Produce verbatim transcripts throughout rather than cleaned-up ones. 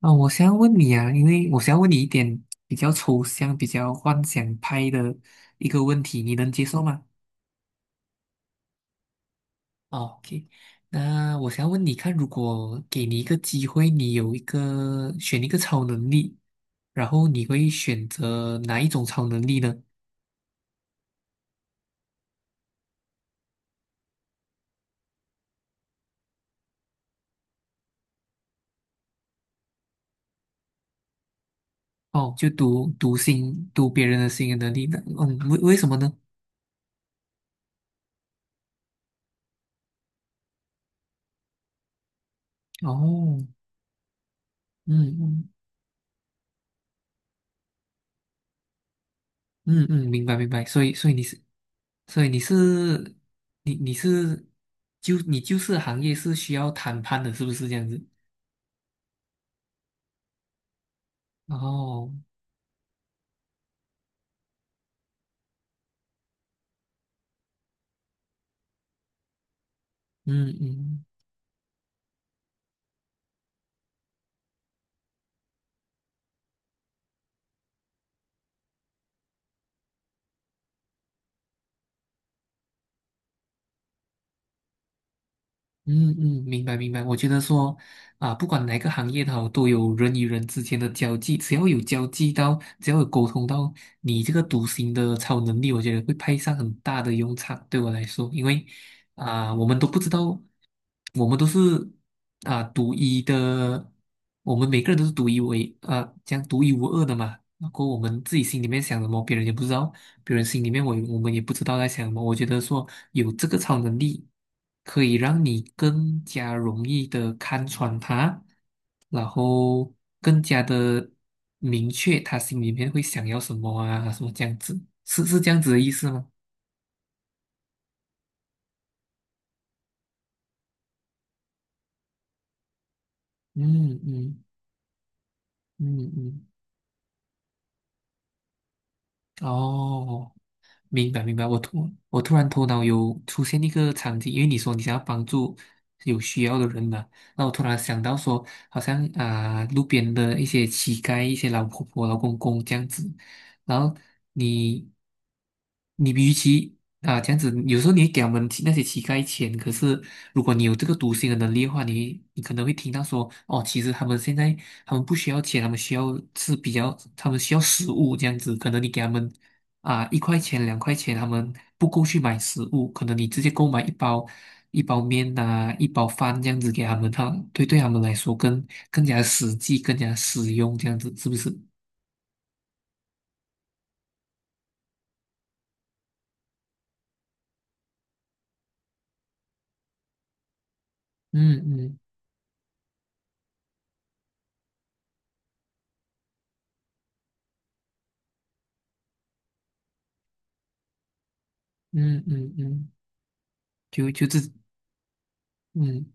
啊，我想要问你啊，因为我想要问你一点比较抽象、比较幻想派的一个问题，你能接受吗？哦，OK，那我想要问你看，如果给你一个机会，你有一个选一个超能力，然后你会选择哪一种超能力呢？哦，就读读心、读别人的心的能力呢？嗯，为为什么呢？哦，嗯嗯嗯嗯，明白明白，所以所以你是，所以你是你你是就你就是行业是需要谈判的，是不是这样子？然后，嗯嗯嗯嗯，明白明白。我觉得说啊，不管哪个行业它都有人与人之间的交际，只要有交际到，只要有沟通到，你这个独行的超能力，我觉得会派上很大的用场。对我来说，因为啊、我们都不知道，我们都是啊、独一的，我们每个人都是独一无二啊、这样独一无二的嘛。然后我们自己心里面想什么，别人也不知道，别人心里面我我们也不知道在想什么。我觉得说有这个超能力，可以让你更加容易的看穿他，然后更加的明确他心里面会想要什么啊，什么这样子，是是这样子的意思吗？嗯嗯嗯嗯。哦，明白明白，我突我突然头脑有出现一个场景，因为你说你想要帮助有需要的人嘛，那我突然想到说，好像啊、路边的一些乞丐、一些老婆婆、老公公这样子，然后你你与其啊、这样子，有时候你会给他们那些乞丐钱，可是如果你有这个读心的能力的话，你你可能会听到说，哦，其实他们现在他们不需要钱，他们需要是比较，他们需要食物这样子，可能你给他们啊，一块钱、两块钱，他们不够去买食物，可能你直接购买一包一包面呐、一包饭这样子给他们，他对对他们来说更更加实际、更加实用，这样子是不是？嗯嗯嗯嗯嗯，就就这嗯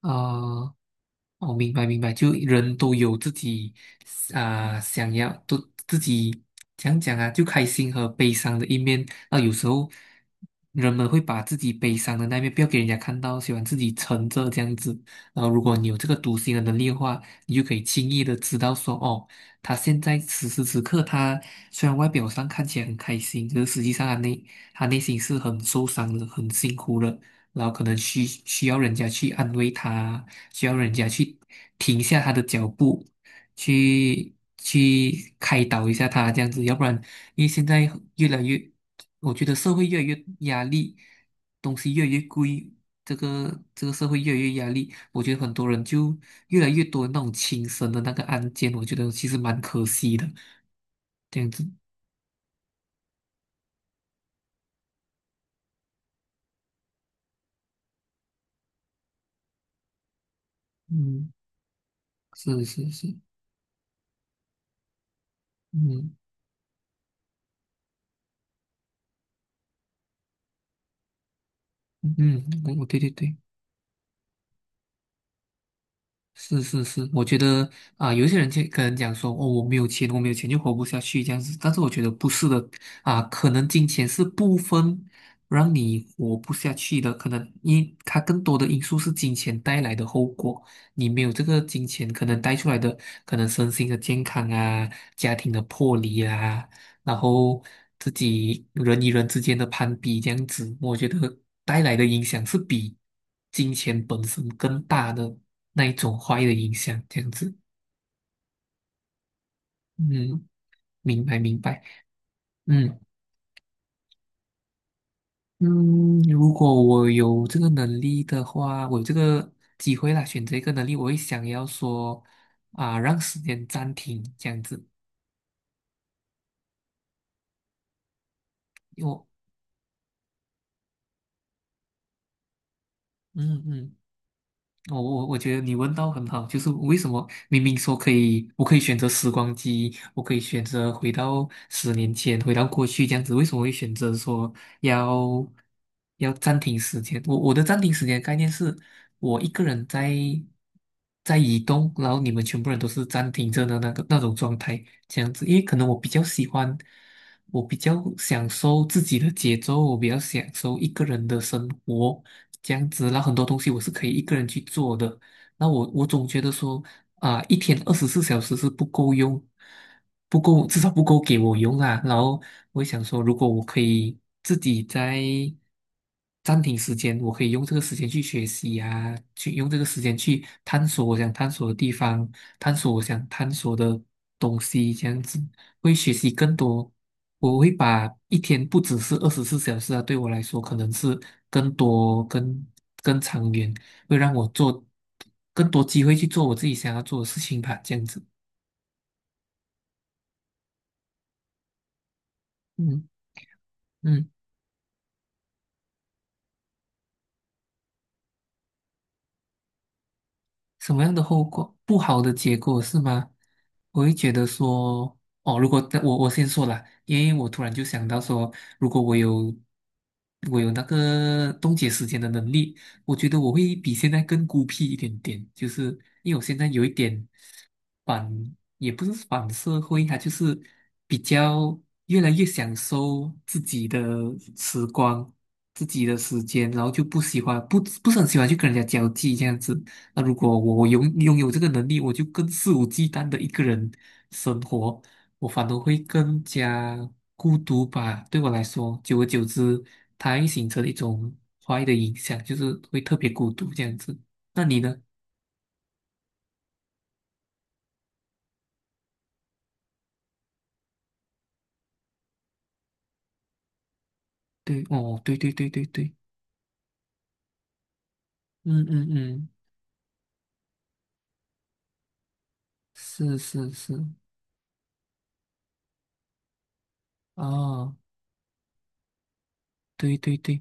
啊。呃哦，明白明白，就人都有自己啊、想要都自己讲讲啊，就开心和悲伤的一面。那有时候人们会把自己悲伤的那一面不要给人家看到，喜欢自己沉着这样子。然后，如果你有这个读心的能力的话，你就可以轻易的知道说，哦，他现在此时此刻，他虽然外表上看起来很开心，可是实际上他内他内心是很受伤的，很辛苦的。然后可能需需要人家去安慰他，需要人家去停下他的脚步，去去开导一下他这样子，要不然，因为现在越来越，我觉得社会越来越压力，东西越来越贵，这个这个社会越来越压力，我觉得很多人就越来越多那种轻生的那个案件，我觉得其实蛮可惜的，这样子，嗯，是是是，嗯嗯，我我对对对。是是是，我觉得啊、有一些人就可能讲说，哦，我没有钱，我没有钱就活不下去这样子。但是我觉得不是的啊、可能金钱是部分让你活不下去的，可能因它更多的因素是金钱带来的后果。你没有这个金钱，可能带出来的可能身心的健康啊，家庭的破离啊，然后自己人与人之间的攀比这样子，我觉得带来的影响是比金钱本身更大的那一种坏的影响，这样子。嗯，明白明白。嗯嗯，如果我有这个能力的话，我有这个机会啦，选择一个能力，我会想要说啊，让时间暂停这样子，因为我嗯嗯。我我我觉得你问到很好，就是为什么明明说可以，我可以选择时光机，我可以选择回到十年前，回到过去这样子，为什么会选择说要要暂停时间？我我的暂停时间概念是，我一个人在在移动，然后你们全部人都是暂停着的那个那种状态，这样子，因为可能我比较喜欢，我比较享受自己的节奏，我比较享受一个人的生活。这样子，那很多东西我是可以一个人去做的。那我我总觉得说啊、一天二十四小时是不够用，不够，至少不够给我用啊。然后我想说，如果我可以自己在暂停时间，我可以用这个时间去学习啊，去用这个时间去探索我想探索的地方，探索我想探索的东西，这样子会学习更多。我会把一天不只是二十四小时啊，对我来说可能是更多、更更长远，会让我做更多机会去做我自己想要做的事情吧，这样子。嗯嗯，什么样的后果？不好的结果是吗？我会觉得说，哦，如果我我先说了，因为我突然就想到说，如果我有我有那个冻结时间的能力，我觉得我会比现在更孤僻一点点，就是因为我现在有一点。反，也不是反社会，他就是比较越来越享受自己的时光、自己的时间，然后就不喜欢，不不是很喜欢去跟人家交际这样子。那如果我拥拥有这个能力，我就更肆无忌惮的一个人生活，我反而会更加孤独吧。对我来说，久而久之，它会形成一种坏的影响，就是会特别孤独这样子。那你呢？对，哦，对对对对对。嗯嗯嗯，是是是，哦，对对对，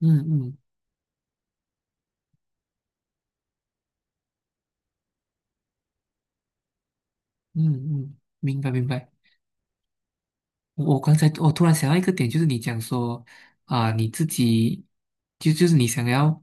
嗯嗯嗯嗯，明白明白。我刚才我突然想到一个点，就是你讲说啊、你自己就就是你想要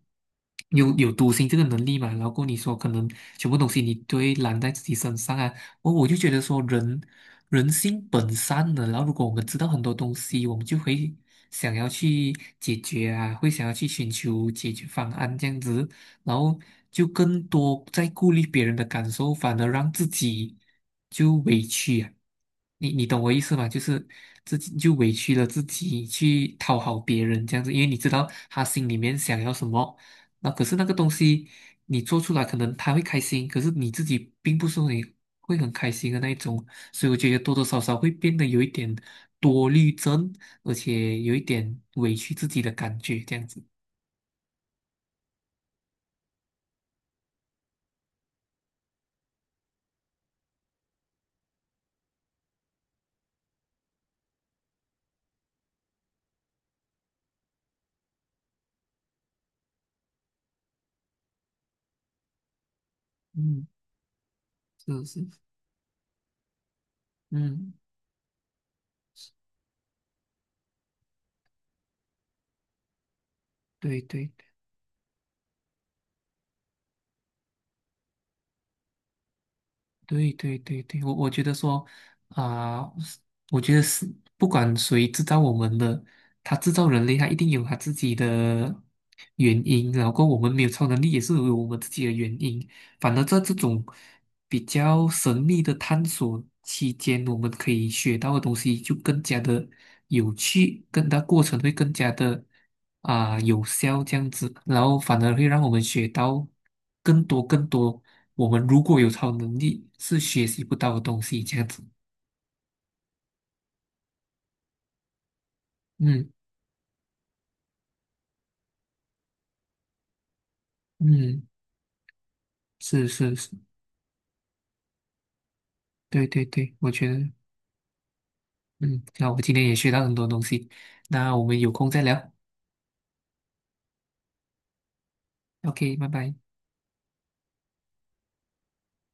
有有独行这个能力嘛，然后过后你说可能全部东西你都会揽在自己身上啊，我我就觉得说人人性本善的，然后如果我们知道很多东西，我们就会想要去解决啊，会想要去寻求解决方案这样子。然后就更多在顾虑别人的感受，反而让自己就委屈啊。你你懂我意思吗？就是自己就委屈了自己去讨好别人这样子，因为你知道他心里面想要什么，那可是那个东西你做出来，可能他会开心，可是你自己并不是你会很开心的那一种，所以我觉得多多少少会变得有一点多虑症，而且有一点委屈自己的感觉这样子。嗯，是是，嗯。对对对对对对，我我觉得说啊、我觉得是不管谁制造我们的，他制造人类，他一定有他自己的原因，然后我们没有超能力也是有我们自己的原因。反而在这种比较神秘的探索期间，我们可以学到的东西就更加的有趣，更它过程会更加的啊、有效这样子，然后反而会让我们学到更多更多我们如果有超能力是学习不到的东西这样子。嗯嗯，是是是，对对对，我觉得嗯，那我今天也学到很多东西，那我们有空再聊，OK，拜拜。